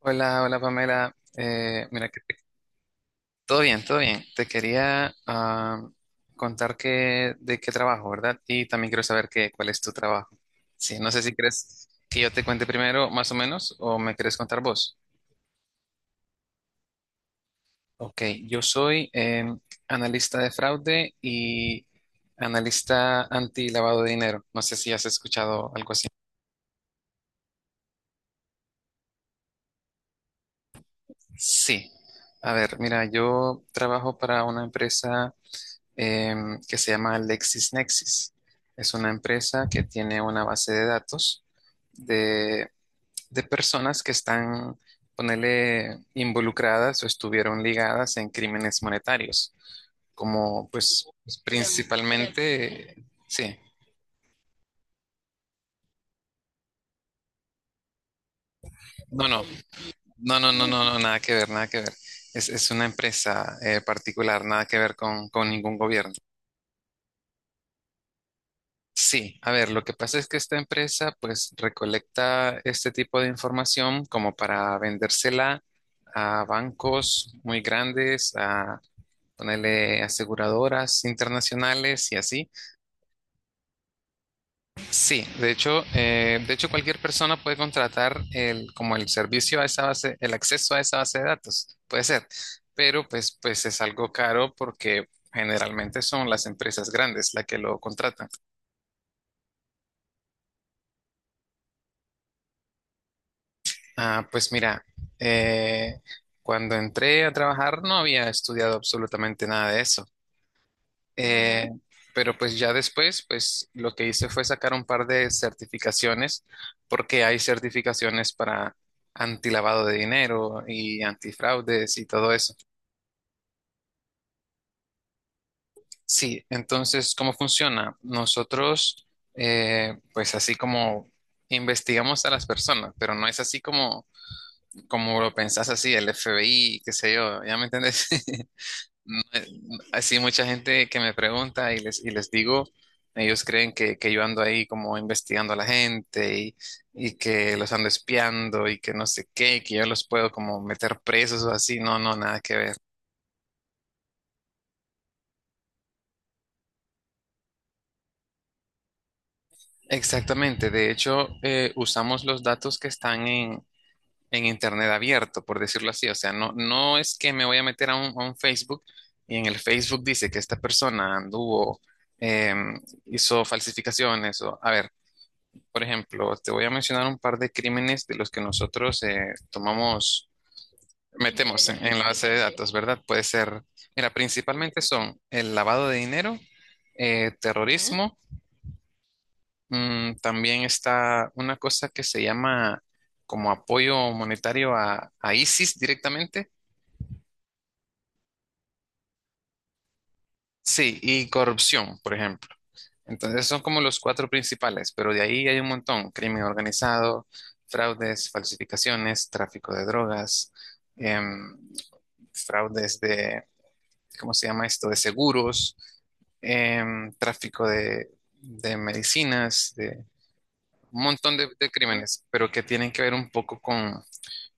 Hola, hola Pamela. Mira, que te- todo bien, todo bien. Te quería contar de qué trabajo, ¿verdad? Y también quiero saber cuál es tu trabajo. Sí, no sé si crees que yo te cuente primero, más o menos, o me quieres contar vos. Ok, yo soy analista de fraude y analista anti-lavado de dinero. No sé si has escuchado algo así. Sí. A ver, mira, yo trabajo para una empresa. Que se llama LexisNexis. Es una empresa que tiene una base de datos de, de personas que están, ponele, involucradas o estuvieron ligadas en crímenes monetarios, como pues, principalmente, sí, no, no, no, no, no, no, no, nada que ver, nada que ver. Es una empresa particular, nada que ver con ningún gobierno. Sí, a ver, lo que pasa es que esta empresa pues recolecta este tipo de información como para vendérsela a bancos muy grandes, a ponerle aseguradoras internacionales y así. Sí, de hecho cualquier persona puede contratar como el servicio a esa base, el acceso a esa base de datos, puede ser, pero pues es algo caro porque generalmente son las empresas grandes las que lo contratan. Ah, pues mira, eh, cuando entré a trabajar no había estudiado absolutamente nada de eso. Eh, pero pues ya después, pues lo que hice fue sacar un par de certificaciones, porque hay certificaciones para antilavado de dinero y antifraudes y todo eso. Sí, entonces, ¿cómo funciona? Nosotros, pues así como investigamos a las personas, pero no es así como, como lo pensás así, el FBI, qué sé yo, ¿ya me entendés? Eh, así mucha gente que me pregunta y y les digo, ellos creen que yo ando ahí como investigando a la gente, y que los ando espiando y que no sé qué, y que yo los puedo como meter presos o así. No, no, nada que ver. Exactamente. De hecho, usamos los datos que están en Internet abierto, por decirlo así. O sea, no, no es que me voy a meter a a un Facebook y en el Facebook dice que esta persona anduvo, em, hizo falsificaciones o, a ver. Por ejemplo, te voy a mencionar un par de crímenes de los que nosotros tomamos, metemos en la base de datos, ¿verdad? Puede ser, mira, principalmente son el lavado de dinero, terrorismo, también está una cosa que se llama como apoyo monetario a ISIS directamente. Sí, y corrupción, por ejemplo. Entonces son como los cuatro principales, pero de ahí hay un montón. Crimen organizado, fraudes, falsificaciones, tráfico de drogas, em, fraudes de, ¿cómo se llama esto? De seguros, tráfico de medicinas, de un montón de crímenes, pero que tienen que ver un poco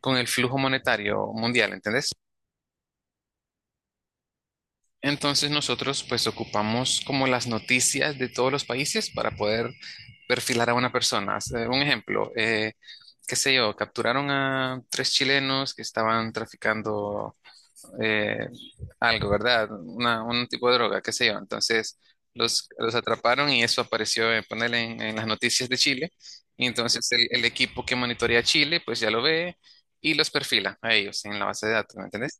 con el flujo monetario mundial, ¿entendés? Entonces nosotros pues ocupamos como las noticias de todos los países para poder perfilar a una persona. O sea, un ejemplo, qué sé yo, capturaron a tres chilenos que estaban traficando eh, algo, ¿verdad? Una- un tipo de droga, qué sé yo. Entonces los atraparon y eso apareció en ponerle en las noticias de Chile. Y entonces el equipo que monitorea Chile pues ya lo ve y los perfila a ellos en la base de datos, ¿me entendés?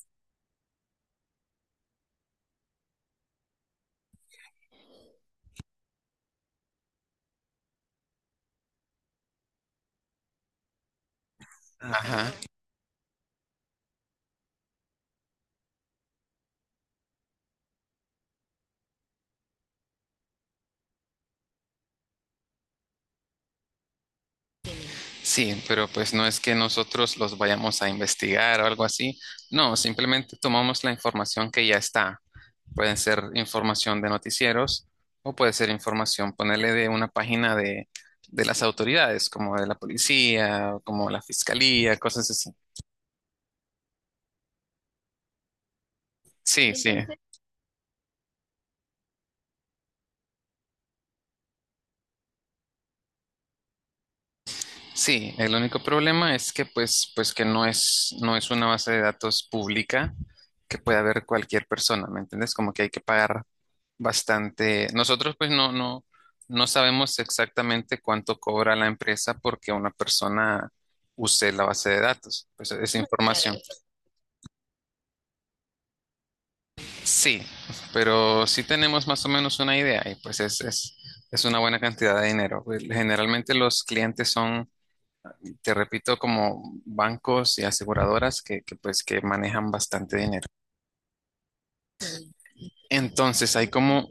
Ajá, ajá. Sí, pero pues no es que nosotros los vayamos a investigar o algo así. No, simplemente tomamos la información que ya está. Pueden ser información de noticieros o puede ser información, ponerle de una página de las autoridades, como de la policía, como la fiscalía, cosas así. Sí, sí. Sí, el único problema es que pues, pues que no es, no es una base de datos pública que pueda ver cualquier persona, ¿me entiendes? Como que hay que pagar bastante. Nosotros pues no, no, no sabemos exactamente cuánto cobra la empresa porque una persona use la base de datos, pues esa información. Claro. Sí, pero sí tenemos más o menos una idea y pues es una buena cantidad de dinero. Pues, generalmente los clientes son, te repito, como bancos y aseguradoras que pues que manejan bastante dinero. Entonces hay como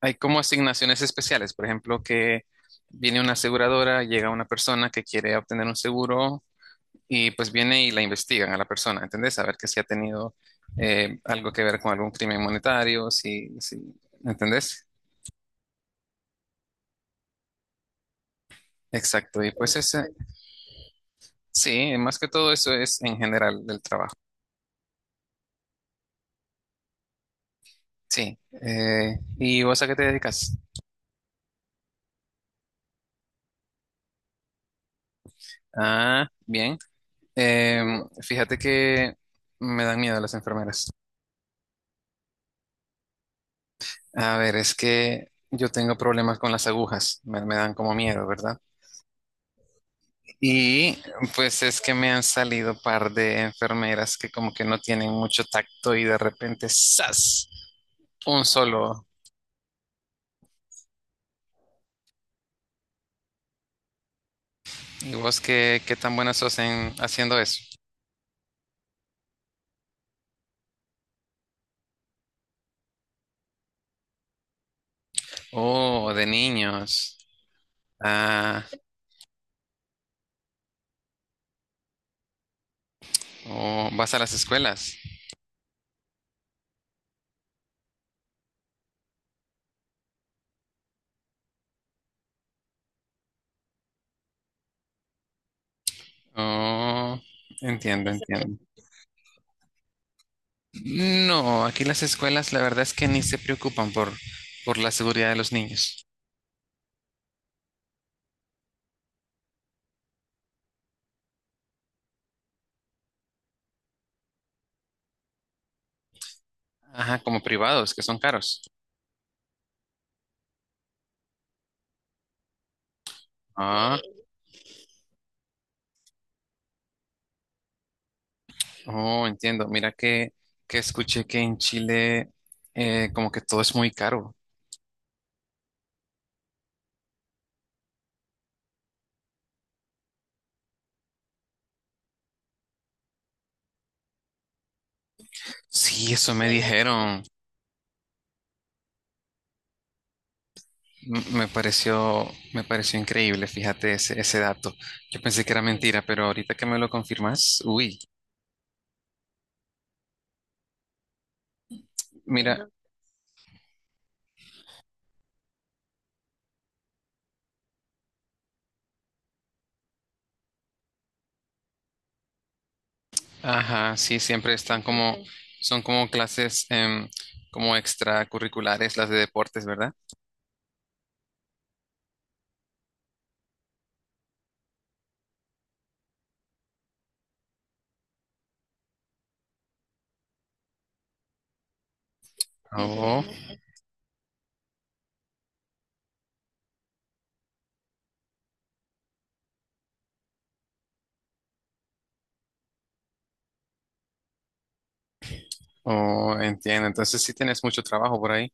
hay como asignaciones especiales, por ejemplo, que viene una aseguradora, llega una persona que quiere obtener un seguro y pues viene y la investigan a la persona, ¿entendés? A ver que si ha tenido algo que ver con algún crimen monetario, si, ¿entendés? Exacto, y pues ese, sí, más que todo eso es en general del trabajo. Sí, ¿y vos a qué te dedicas? Ah, bien. Fíjate que me dan miedo las enfermeras. A ver, es que yo tengo problemas con las agujas, me dan como miedo, ¿verdad? Y pues es que me han salido par de enfermeras que como que no tienen mucho tacto y de repente ¡zas! Un solo. ¿Y vos qué, qué tan buenas sos en haciendo eso? Oh, de niños. Ah, oh, vas a las escuelas. Oh, entiendo, entiendo. No, aquí las escuelas la verdad es que ni se preocupan por la seguridad de los niños. Ajá, como privados, que son caros. Ah, sí. Oh, entiendo. Mira que escuché que en Chile como que todo es muy caro. Sí, eso me sí, dijeron. M- me pareció increíble, fíjate ese, ese dato. Yo pensé que era sí, mentira, pero ahorita que me lo confirmas, uy, mira, ajá, sí, siempre están como, sí, son como clases como extracurriculares, las de deportes, ¿verdad? Oh, oh, entiendo. Entonces sí tienes mucho trabajo por ahí.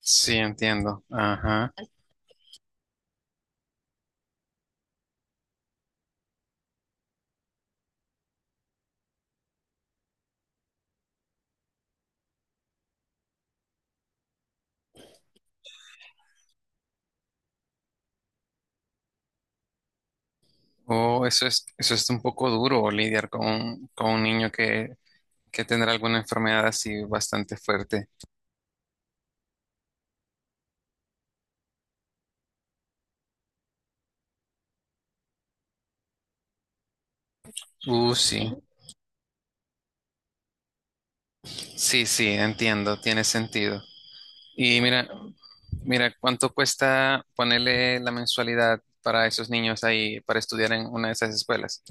Sí, entiendo. Ajá. Oh, eso es un poco duro, lidiar con un niño que tendrá alguna enfermedad así bastante fuerte. Sí. Sí, sí, entiendo, tiene sentido. Y mira, mira, ¿cuánto cuesta ponerle la mensualidad para esos niños ahí para estudiar en una de esas escuelas?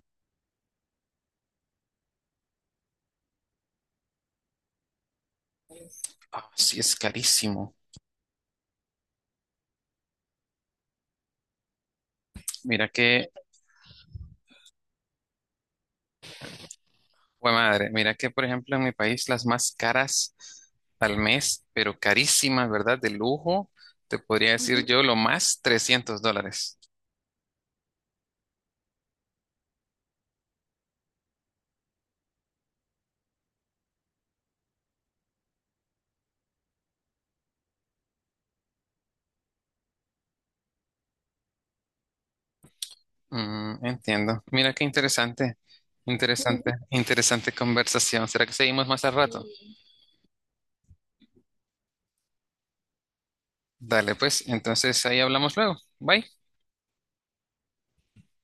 Ah, sí, es carísimo. Mira que pues madre, mira que por ejemplo en mi país las más caras al mes, pero carísimas, ¿verdad? De lujo, te podría decir yo lo más $300. Mm, entiendo. Mira qué interesante, interesante, ujú. Interesante conversación. ¿Será que seguimos más al rato? Dale, pues, entonces ahí hablamos luego. Bye.